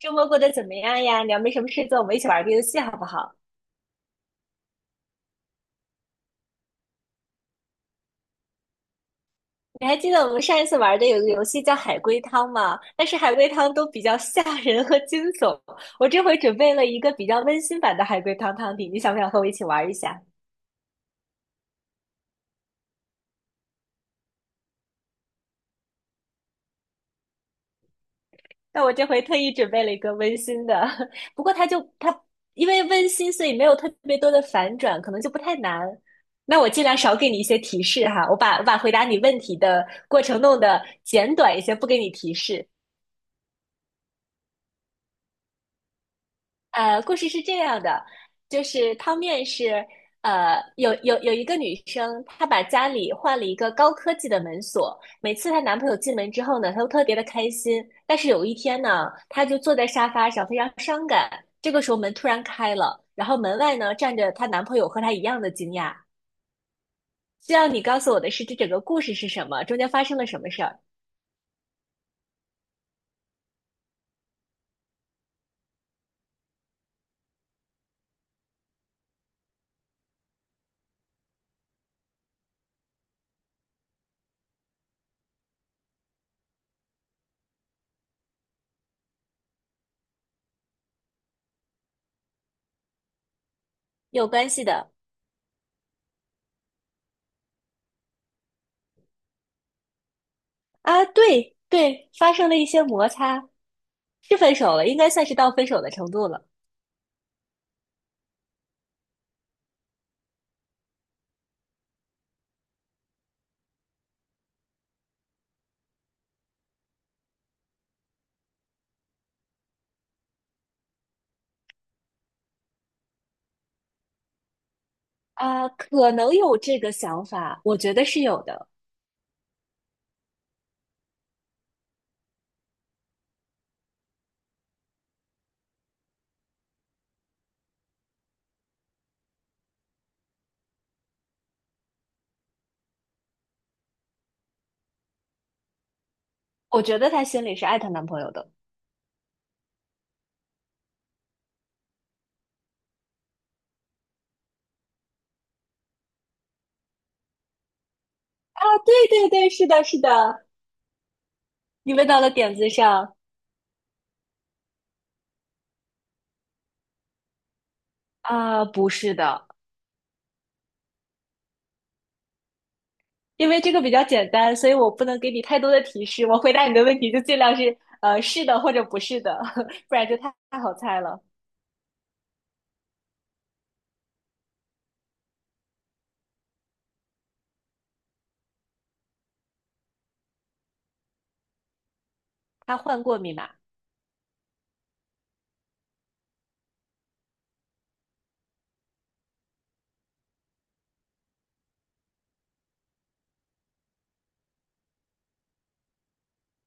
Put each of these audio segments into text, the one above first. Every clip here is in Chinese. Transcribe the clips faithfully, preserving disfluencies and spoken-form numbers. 周末过得怎么样呀？你要没什么事做，我们一起玩个游戏好不好？你还记得我们上一次玩的有个游戏叫海龟汤吗？但是海龟汤都比较吓人和惊悚，我这回准备了一个比较温馨版的海龟汤汤底，你想不想和我一起玩一下？那我这回特意准备了一个温馨的，不过它就它因为温馨，所以没有特别多的反转，可能就不太难。那我尽量少给你一些提示哈，我把我把回答你问题的过程弄得简短一些，不给你提示。呃，故事是这样的，就是汤面是，呃，有有有一个女生，她把家里换了一个高科技的门锁，每次她男朋友进门之后呢，她都特别的开心。但是有一天呢，她就坐在沙发上，非常伤感。这个时候门突然开了，然后门外呢站着她男朋友，和她一样的惊讶。需要你告诉我的是，这整个故事是什么？中间发生了什么事儿？有关系的。啊，对对，发生了一些摩擦，是分手了，应该算是到分手的程度了。啊，可能有这个想法，我觉得是有的。我觉得她心里是爱她男朋友的。啊，对对对，是的，是的，你问到了点子上。啊，不是的，因为这个比较简单，所以我不能给你太多的提示。我回答你的问题就尽量是呃是的或者不是的，不然就太太好猜了。她换过密码。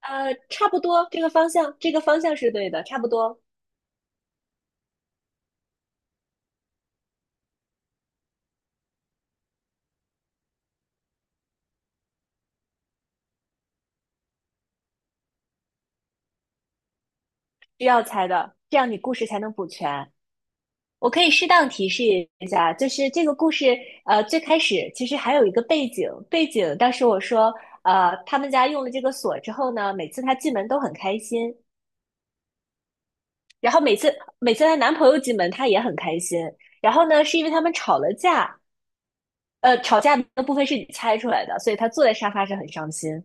呃，差不多这个方向，这个方向是对的，差不多需要猜的，这样你故事才能补全。我可以适当提示一下，就是这个故事，呃，最开始其实还有一个背景，背景当时我说，呃，他们家用了这个锁之后呢，每次她进门都很开心，然后每次每次她男朋友进门，她也很开心，然后呢，是因为他们吵了架，呃，吵架的部分是你猜出来的，所以她坐在沙发上很伤心。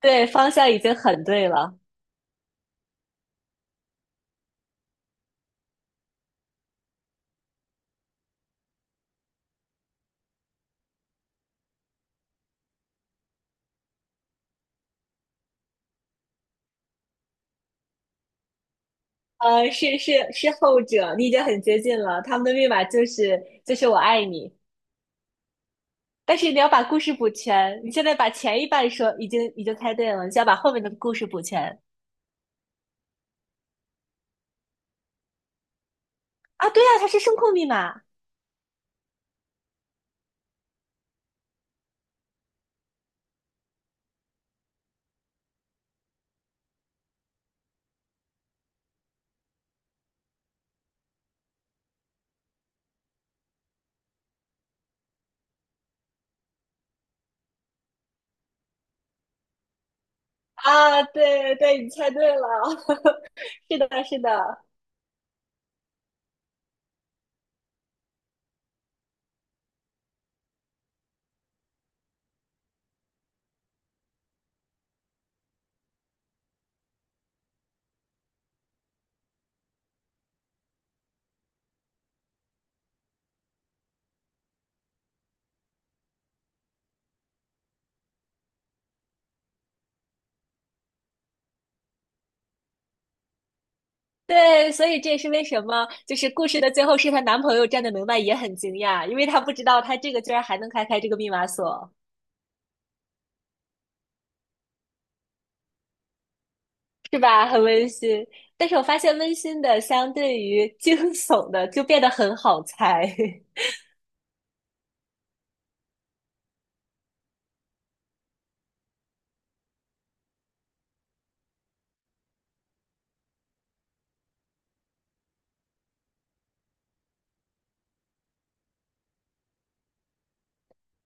对，方向已经很对了。呃，是是是后者，你已经很接近了，他们的密码就是就是我爱你。但是你要把故事补全。你现在把前一半说已经已经猜对了，你就要把后面的故事补全。啊！对呀，它是声控密码。啊！对对对，你猜对了，是的，是的，对，所以这也是为什么就是故事的最后是她男朋友站在门外也很惊讶，因为她不知道她这个居然还能开开这个密码锁。是吧？很温馨。但是我发现温馨的相对于惊悚的就变得很好猜。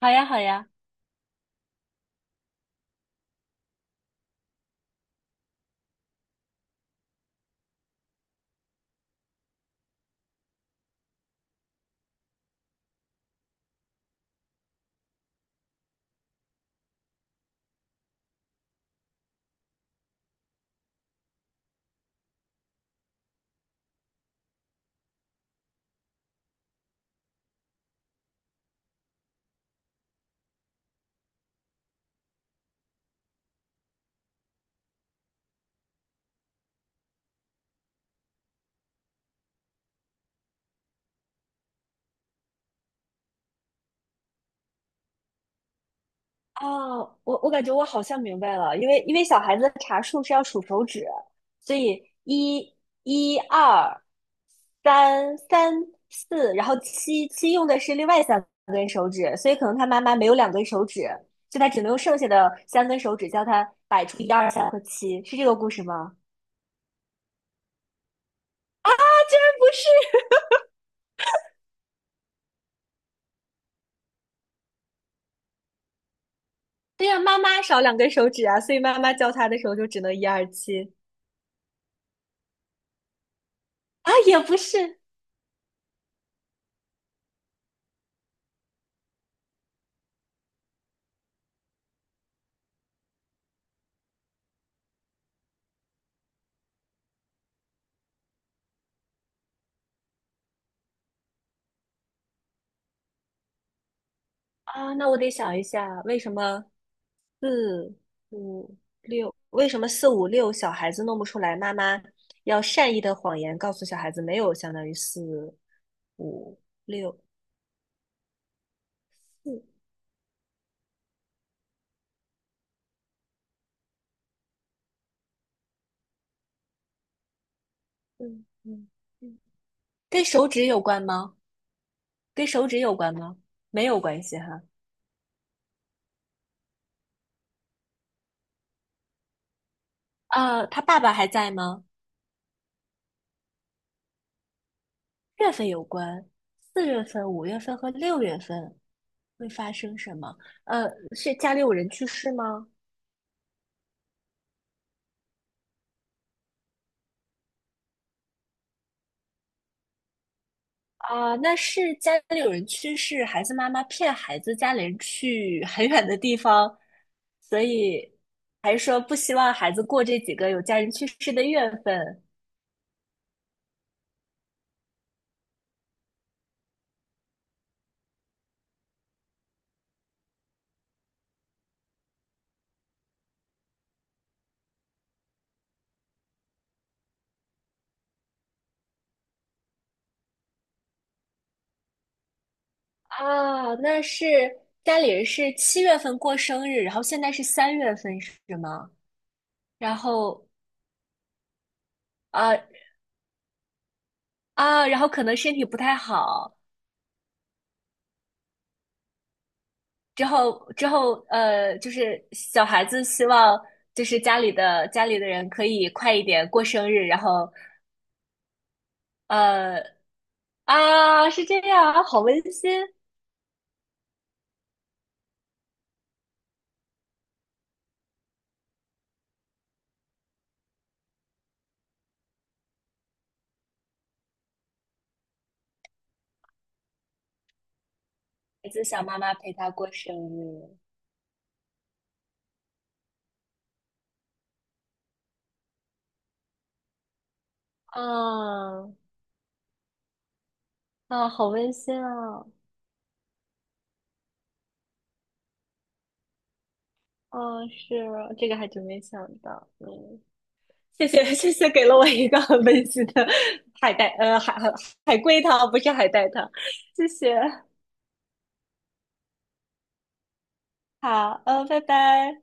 好呀，好呀。哦，我我感觉我好像明白了，因为因为小孩子的查数是要数手指，所以一、一二、三、三、四，然后七七用的是另外三根手指，所以可能他妈妈没有两根手指，所以他只能用剩下的三根手指教他摆出一二三和七，是这个故事吗？啊，居然不是。对呀，妈妈少两根手指啊，所以妈妈教他的时候就只能一二七。啊，也不是。啊，那我得想一下，为什么四五六，为什么四五六小孩子弄不出来？妈妈要善意的谎言告诉小孩子，没有相当于四五六四。嗯嗯嗯，嗯跟手指有关吗？跟手指有关吗？没有关系哈。啊，他爸爸还在吗？月份有关，四月份、五月份和六月份会发生什么？呃，是家里有人去世吗？啊，那是家里有人去世，孩子妈妈骗孩子家里人去很远的地方，所以还是说不希望孩子过这几个有家人去世的月份。啊？那是家里人是七月份过生日，然后现在是三月份是吗？然后啊。啊，然后可能身体不太好，之后之后呃，就是小孩子希望就是家里的家里的人可以快一点过生日，然后。呃啊，是这样啊，好温馨。孩子想妈妈陪他过生日。啊。啊，好温馨啊！啊，是这个还真没想到，嗯，谢谢谢谢，给了我一个很温馨的海带，呃，海海海龟汤，不是海带汤，谢谢，好，嗯，拜拜。